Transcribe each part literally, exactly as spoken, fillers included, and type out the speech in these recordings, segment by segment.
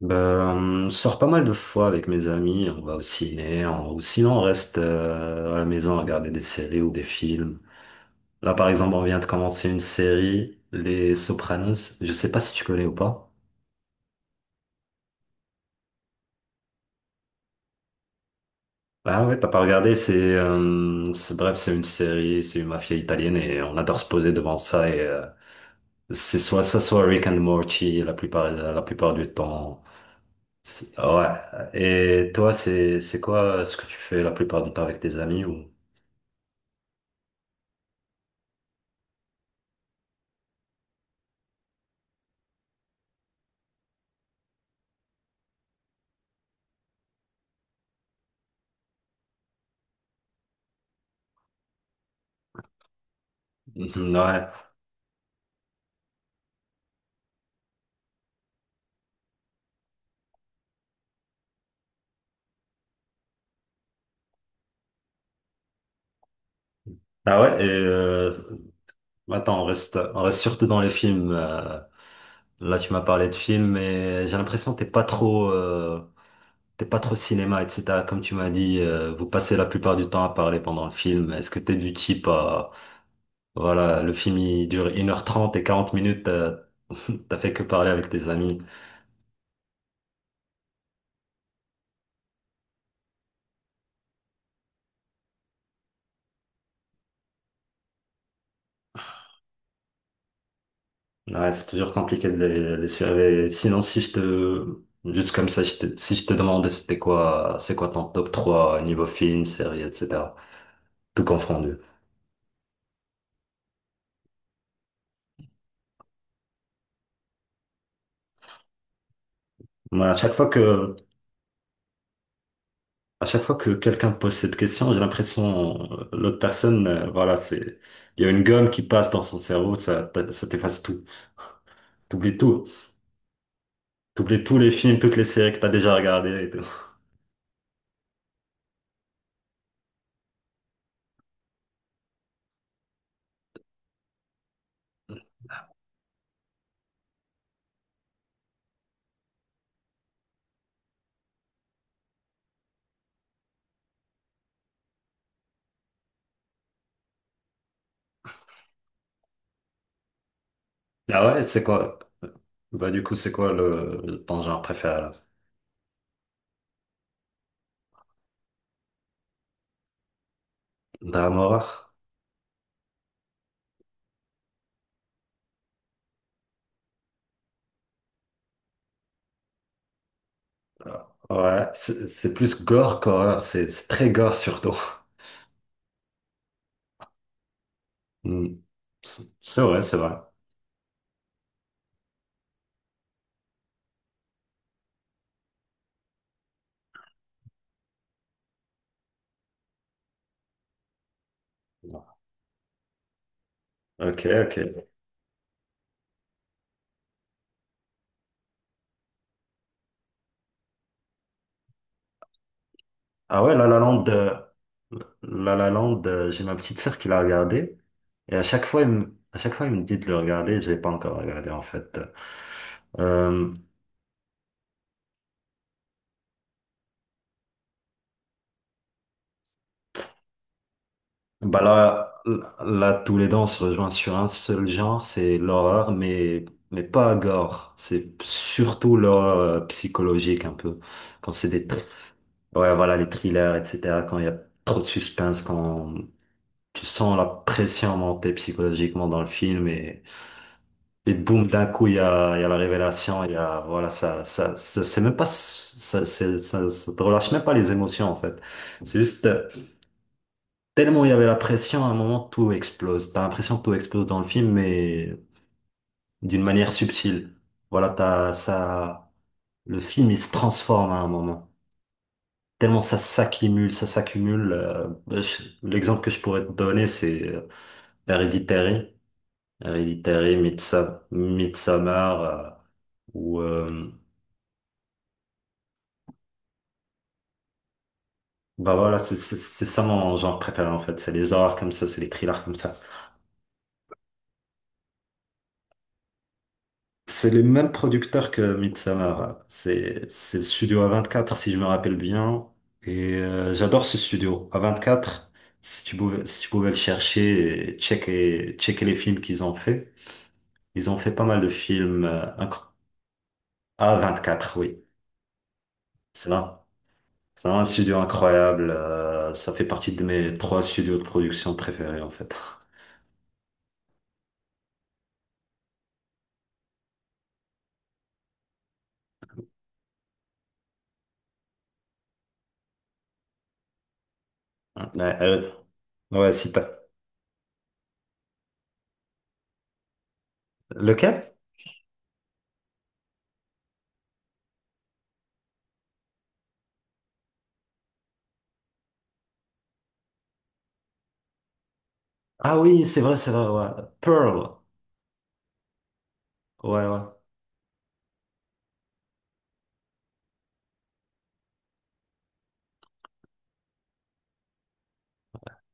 Ben, on sort pas mal de fois avec mes amis, on va au ciné, on- ou sinon on reste euh, à la maison à regarder des séries ou des films. Là, par exemple, on vient de commencer une série, Les Sopranos. Je sais pas si tu connais ou pas. Ah ouais, t'as pas regardé, c'est euh, c'est- bref, c'est une série, c'est une mafia italienne et on adore se poser devant ça et euh, c'est soit ça, soit Rick and Morty la plupart la plupart du temps. C'est- ah ouais. Et toi, c'est c'est quoi euh, ce que tu fais la plupart du temps avec tes amis ou? Ouais. Ah ouais, et euh, attends, on reste, on reste surtout dans les films. euh, là, tu m'as parlé de films, mais j'ai l'impression que t'es pas trop, euh, t'es pas trop cinéma, et cetera. Comme tu m'as dit, euh, vous passez la plupart du temps à parler pendant le film. Est-ce que t'es du type à, voilà, le film il dure une heure trente et quarante minutes, t'as t'as fait que parler avec tes amis. Ouais, c'est toujours compliqué de les, les suivre. Et sinon, si je te, juste comme ça, je te- si je te demandais c'était quoi, c'est quoi ton top trois niveau film, série, et cetera. Tout confondu. Mais à chaque fois que, à chaque fois que quelqu'un pose cette question, j'ai l'impression euh, l'autre personne, euh, voilà, c'est, il y a une gomme qui passe dans son cerveau, ça, t- ça t'efface tout. T'oublies tout. T'oublies tous les films, toutes les séries que t'as déjà regardées et tout. Ah ouais, c'est quoi? Bah, du coup, c'est quoi le, ton genre préféré là? Drame horreur? Ouais, c'est c'est plus gore qu'horreur, c'est c'est très gore surtout. Hmm. C'est c'est vrai, c'est vrai. Ok, ok. Ah ouais, La La Land, euh, La La Land, euh, j'ai ma petite sœur qui l'a regardé. Et à chaque fois, elle me, à chaque fois, elle me dit de le regarder. Je l'ai pas encore regardé, en fait. Euh, bah là, là, tous les deux, on se rejoint sur un seul genre, c'est l'horreur, mais, mais pas gore. C'est surtout l'horreur euh, psychologique, un peu. Quand c'est des, thr- ouais, voilà, les thrillers, et cetera. Quand il y a trop de suspense, quand tu sens la pression monter psychologiquement dans le film. Et boum, d'un coup, il y a, il y a la révélation, il y a, voilà, ça, ça, ça- c'est même pas, ça, c'est- ça, ça te relâche même pas les émotions, en fait. C'est juste, euh, tellement il y avait la pression, à un moment, tout explose. T'as l'impression que tout explose dans le film, mais d'une manière subtile. Voilà, t'as, ça, le film, il se transforme à un moment. Tellement ça s'accumule, ça s'accumule. euh, je- l'exemple que je pourrais te donner, c'est euh, Hereditary. Hereditary, Midsom- Midsommar, euh, ou, euh, Bah voilà, c'est c'est- c'est ça mon genre préféré en fait. C'est les horreurs comme ça, c'est les thrillers comme ça. C'est les mêmes producteurs que Midsommar. C'est c'est le studio A vingt-quatre si je me rappelle bien. Et euh, j'adore ce studio. A vingt-quatre, si tu pouvais, si tu pouvais le chercher et checker, checker les films qu'ils ont fait. Ils ont fait pas mal de films euh, incro- A vingt-quatre, oui. C'est là. C'est un studio incroyable. euh, ça fait partie de mes trois studios de production préférés en fait. Ouais, euh, ouais, si t'as- Le Cap? Ah oui, c'est vrai, c'est vrai, ouais. Pearl. Ouais, ouais.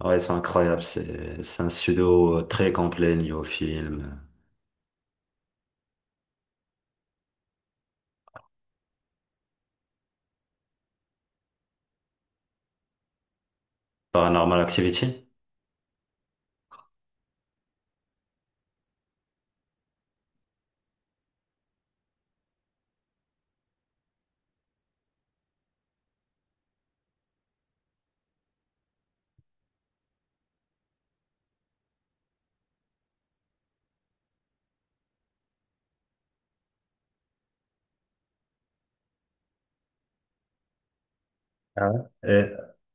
Ah ouais, c'est incroyable. C'est c'est un pseudo euh, très complet niveau film. Paranormal Activity. Ah ouais.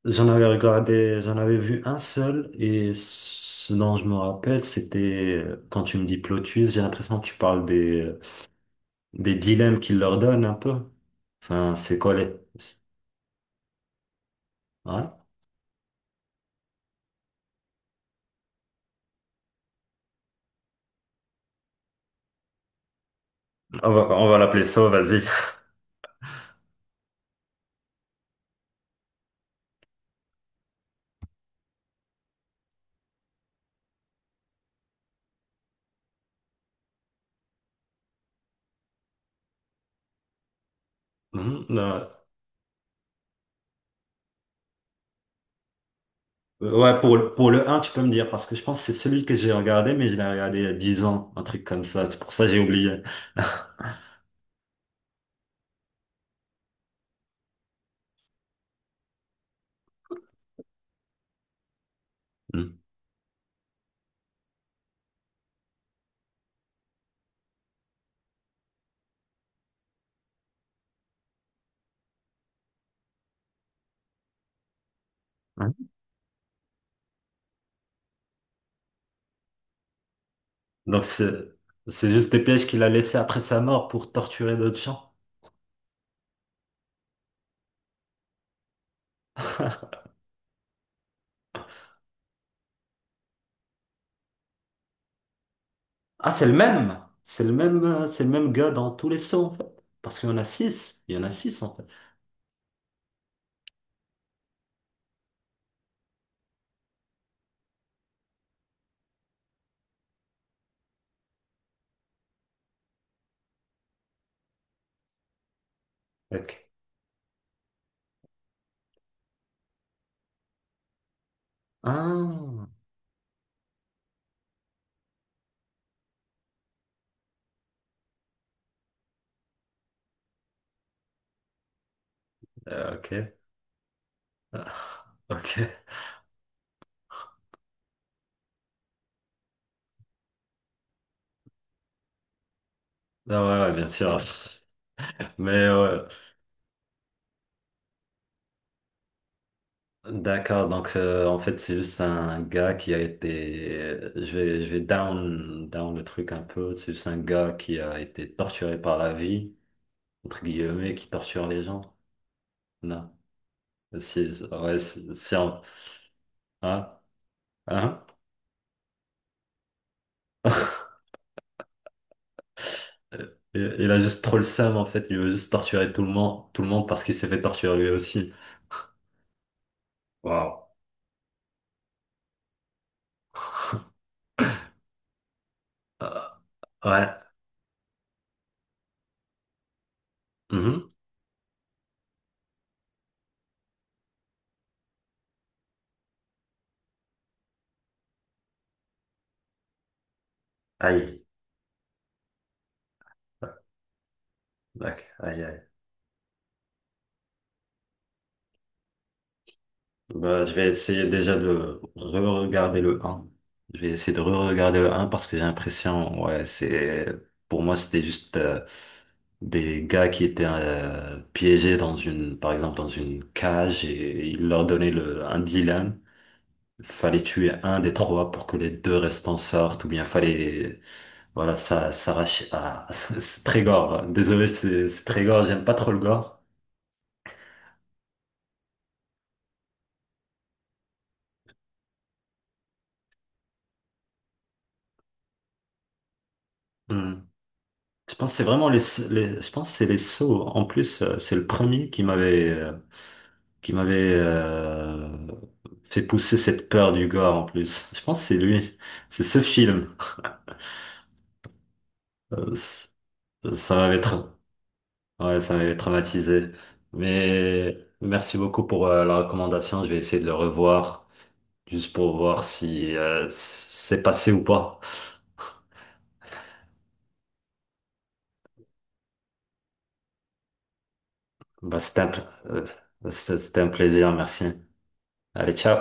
Et j'en avais regardé, j'en avais vu un seul et ce dont je me rappelle, c'était euh, quand tu me dis plot twist, j'ai l'impression que tu parles des, euh, des dilemmes qu'il leur donne un peu. Enfin, c'est quoi les... Ouais. On va, on va l'appeler ça, vas-y. Mhm, ouais. Euh, Ouais, pour, le- pour le un tu peux me dire, parce que je pense que c'est celui que j'ai regardé, mais je l'ai regardé il y a dix ans, un truc comme ça. C'est pour ça que j'ai oublié. Hmm. Hein. Donc c'est c'est juste des pièges qu'il a laissés après sa mort pour torturer d'autres gens. Ah, c'est le même. C'est le même, euh, c'est le même gars dans tous les sauts, en fait. Parce qu'il y en a six. Il y en a six en fait. Ok. Ah, euh, ok. Ok. Ah ouais, ouais, bien sûr. Mais ouais. D'accord, donc euh, en fait c'est juste un gars qui a été, euh, je vais, je vais down, down le truc un peu, c'est juste un gars qui a été torturé par la vie, entre guillemets, qui torture les gens. Non, c'est, ouais, c'est, c'est un- hein? Hein? Il il a juste trop le seum en fait, il veut juste torturer tout le monde, tout le monde parce qu'il s'est fait torturer lui aussi. Waouh. Euh, ouais. Mhm. Aïe. D'accord. Aïe, aïe. Bah, je vais essayer déjà de re-regarder le un. Je vais essayer de re-regarder le un parce que j'ai l'impression, ouais, c'est, pour moi, c'était juste euh, des gars qui étaient euh, piégés dans une, par exemple, dans une cage et ils leur donnaient le, un dilemme. Fallait tuer un des trois pour que les deux restants sortent ou bien fallait, voilà, ça, ça s'arrache à, c'est très gore. Désolé, c'est c'est très gore, j'aime pas trop le gore. Hmm. Je pense que c'est vraiment les, les- je pense que c'est les sauts. En plus, euh, c'est le premier qui m'avait euh, qui m'avait euh, fait pousser cette peur du gore en plus. Je pense que c'est lui, c'est ce film. Euh, c- ça m'avait tra- ouais, ça m'avait traumatisé. Mais merci beaucoup pour euh, la recommandation. Je vais essayer de le revoir juste pour voir si euh, c'est passé ou pas. Bah, c'était un, pl- euh, c'était c'était un plaisir. Merci. Allez, ciao.